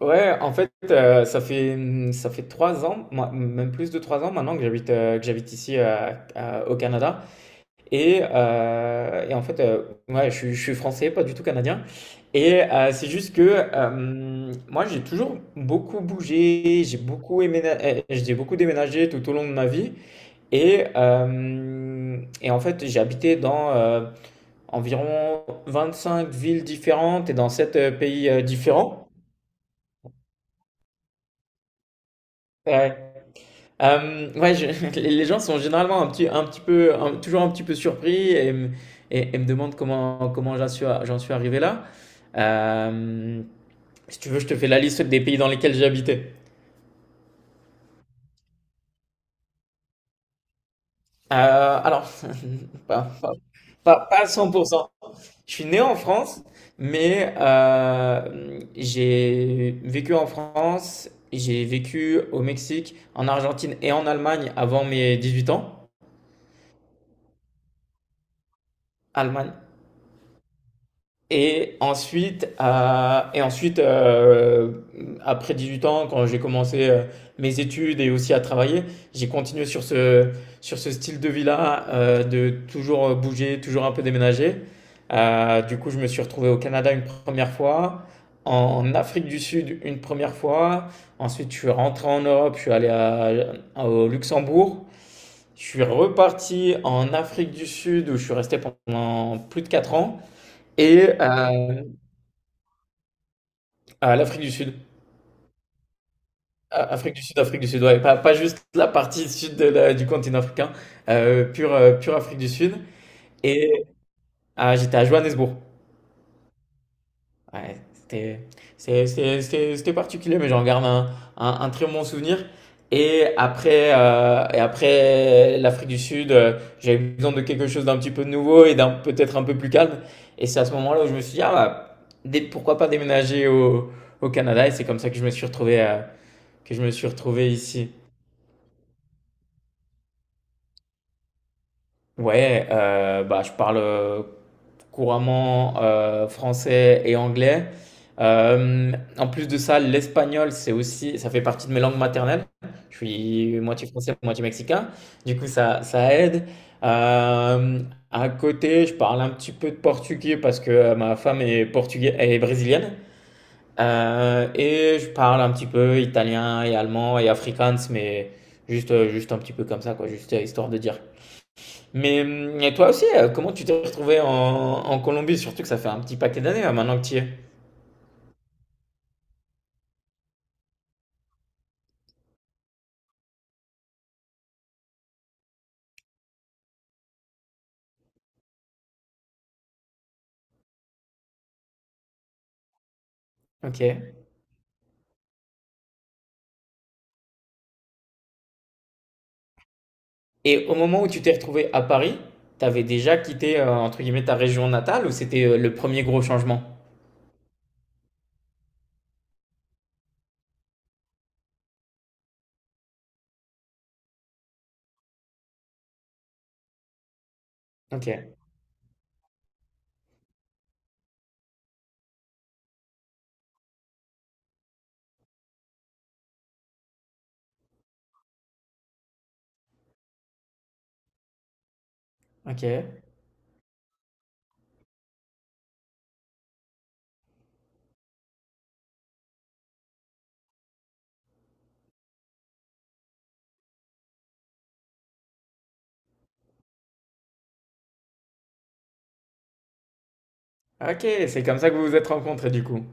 Ouais, en fait, ça fait 3 ans, moi, même plus de 3 ans maintenant que j'habite ici au Canada. Et en fait, ouais, je suis français, pas du tout canadien. Et c'est juste que moi, j'ai toujours beaucoup bougé, j'ai beaucoup déménagé tout au long de ma vie. Et, euh, et en fait, j'ai habité dans environ cinq villes différentes et dans sept pays différents. Ouais, les gens sont généralement un petit peu, toujours un petit peu surpris et me demandent comment j'en suis arrivé là. Euh, Si tu veux, je te fais la liste des pays dans lesquels j'ai habité. Alors, pas, pas, pas, pas à cent pour cent. Je suis né en France, mais j'ai vécu en France, j'ai vécu au Mexique, en Argentine et en Allemagne avant mes 18 ans. Allemagne. Et ensuite, après 8 ans, quand j'ai commencé mes études et aussi à travailler, j'ai continué sur ce style de vie-là, de toujours bouger, toujours un peu déménager. Du coup, je me suis retrouvé au Canada une première fois, en Afrique du Sud une première fois. Ensuite, je suis rentré en Europe, je suis allé au Luxembourg. Je suis reparti en Afrique du Sud où je suis resté pendant plus de 4 ans. Et, euh, à l'Afrique du Sud. Afrique du Sud, Afrique du Sud, ouais. Pas, pas juste la partie sud de du continent africain, pure Afrique du Sud. Et ah, j'étais à Johannesburg. Ouais, c'était c'est- c'était particulier, mais j'en garde un très bon souvenir. Et après l'Afrique du Sud, j'avais besoin de quelque chose d'un petit peu nouveau et d'un peut-être un peu plus calme. Et c'est à ce moment-là où je me suis dit, ah bah, pourquoi pas déménager au Canada? Et c'est comme ça que je me suis retrouvé, que je me suis retrouvé ici. Ouais, bah, je parle couramment français et anglais. Euh, En plus de ça, l'espagnol, c'est aussi, ça fait partie de mes langues maternelles. Je suis moitié français, moitié mexicain. Du coup, ça aide. Euh, à côté, je parle un petit peu de portugais parce que ma femme est portugaise, elle est brésilienne. Et je parle un petit peu italien et allemand et afrikaans, mais juste un petit peu comme ça, quoi, juste histoire de dire. Mais et toi aussi, comment tu t'es retrouvé en Colombie? Surtout que ça fait un petit paquet d'années là, maintenant que tu y es. Ok. Et au moment où tu t'es retrouvé à Paris, t'avais déjà quitté entre guillemets ta région natale ou c'était le premier gros changement? Ok. Ok. Ok. C'est comme ça que vous vous êtes rencontrés du coup.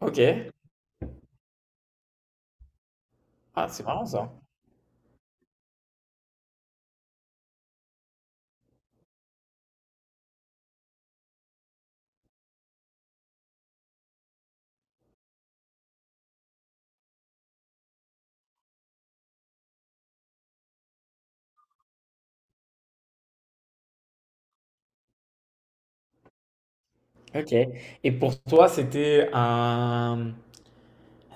Ok. Ah, c'est marrant ça. Ok. Et pour toi, c'était un.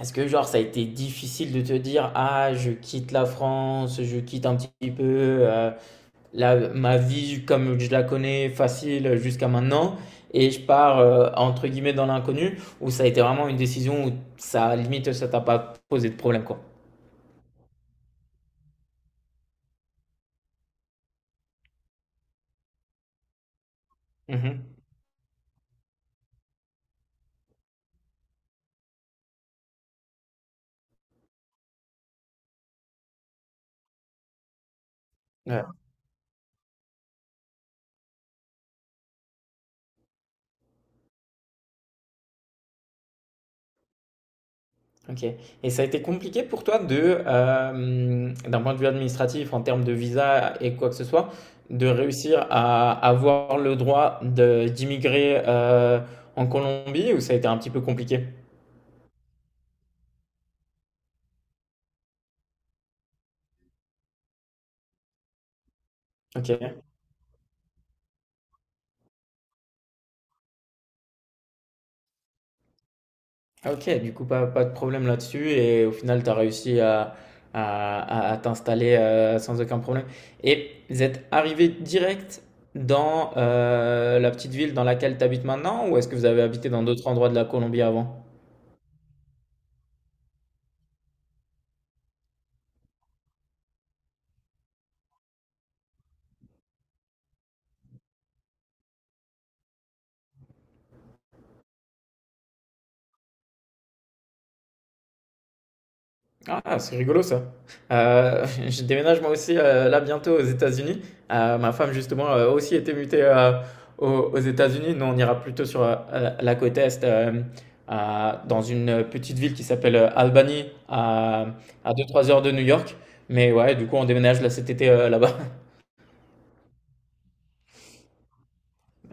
Est-ce que genre ça a été difficile de te dire, ah, je quitte la France, je quitte un petit peu. euh, ma vie comme je la connais facile jusqu'à maintenant et je pars entre guillemets dans l'inconnu où ça a été vraiment une décision où ça limite ça t'a pas posé de problème quoi. Mhm. Ouais, ok. Et ça a été compliqué pour toi d'un point de vue administratif, en termes de visa et quoi que ce soit, de réussir à avoir le droit d'immigrer en Colombie ou ça a été un petit peu compliqué? Ok. OK, du coup, pas, pas de problème là-dessus et au final, tu as réussi à t'installer sans aucun problème. Et vous êtes arrivé direct dans la petite ville dans laquelle tu habites maintenant ou est-ce que vous avez habité dans d'autres endroits de la Colombie avant? Ah, c'est rigolo ça. Je déménage moi aussi là bientôt aux États-Unis. Ma femme justement a aussi été mutée aux, aux États-Unis. Nous, on ira plutôt sur la côte est, dans une petite ville qui s'appelle Albany, à deux trois heures de New York. Mais ouais, du coup, on déménage là cet été là-bas.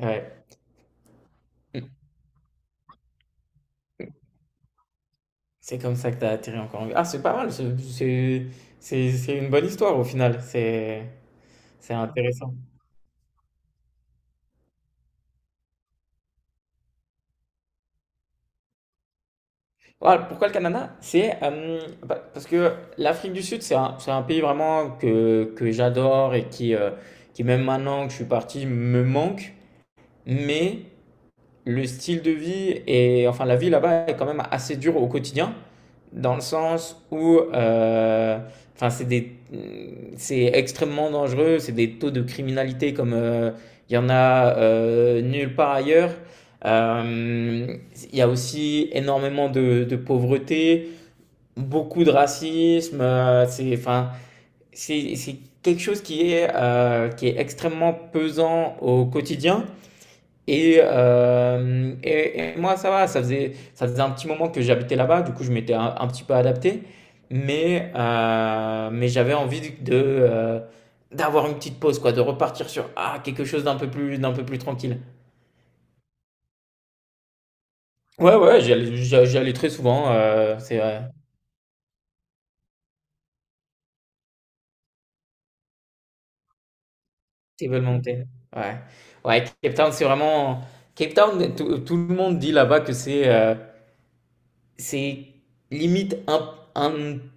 Ouais. C'est comme ça que t'as atterri encore Ah, c'est pas mal. C'est une bonne histoire au final. C'est intéressant. Voilà, pourquoi le Canada? C'est Bah, parce que l'Afrique du Sud, c'est un pays vraiment que j'adore et qui, même maintenant que je suis parti, me manque. Mais le style de vie et enfin la vie là-bas est quand même assez dure au quotidien, dans le sens où enfin, c'est extrêmement dangereux, c'est des taux de criminalité comme il y en a nulle part ailleurs. Euh, il y a aussi énormément de pauvreté beaucoup de racisme. Enfin, c'est quelque chose qui est extrêmement pesant au quotidien. Et moi, ça va, ça faisait un petit moment que j'habitais là-bas, du coup, je m'étais un petit peu adapté. Mais j'avais envie d'avoir une petite pause, quoi, de repartir sur quelque chose d'un peu plus tranquille. Ouais, ouais, j'y allais très souvent. C'est vrai. Ils veulent monter. Ouais. Ouais, Cape Town, c'est vraiment. Cape Town, tout le monde dit là-bas que c'est limite un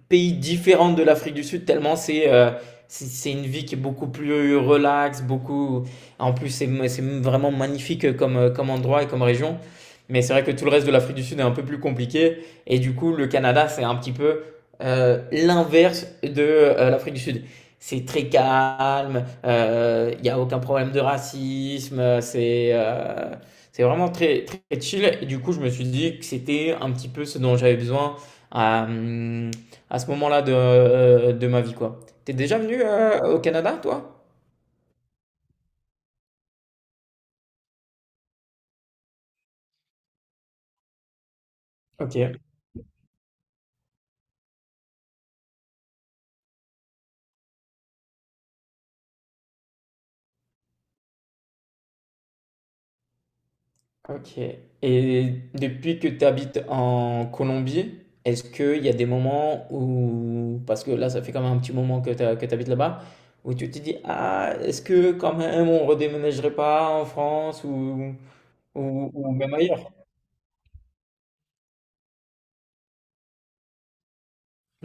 pays différent de l'Afrique du Sud, tellement c'est une vie qui est beaucoup plus relaxe, beaucoup. En plus, c'est vraiment magnifique comme endroit et comme région. Mais c'est vrai que tout le reste de l'Afrique du Sud est un peu plus compliqué. Et du coup, le Canada, c'est un petit peu l'inverse de l'Afrique du Sud. C'est très calme, il n'y a aucun problème de racisme, c'est vraiment très, très chill. Et du coup, je me suis dit que c'était un petit peu ce dont j'avais besoin à, euh, à ce moment-là de ma vie, quoi. T'es déjà venu au Canada, toi? Ok, ok. Et depuis que tu habites en Colombie, est-ce qu'il y a des moments où, parce que là, ça fait quand même un petit moment que tu habites là-bas, où tu te dis, ah, est-ce que quand même on redéménagerait pas en France ou même ailleurs?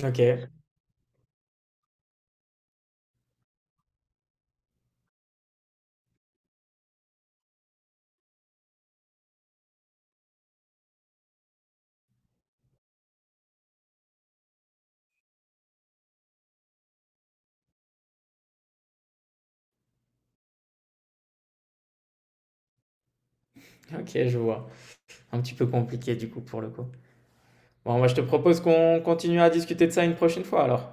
Ok, ok, je vois. Un petit peu compliqué du coup pour le coup. Bon, moi, je te propose qu'on continue à discuter de ça une prochaine fois alors.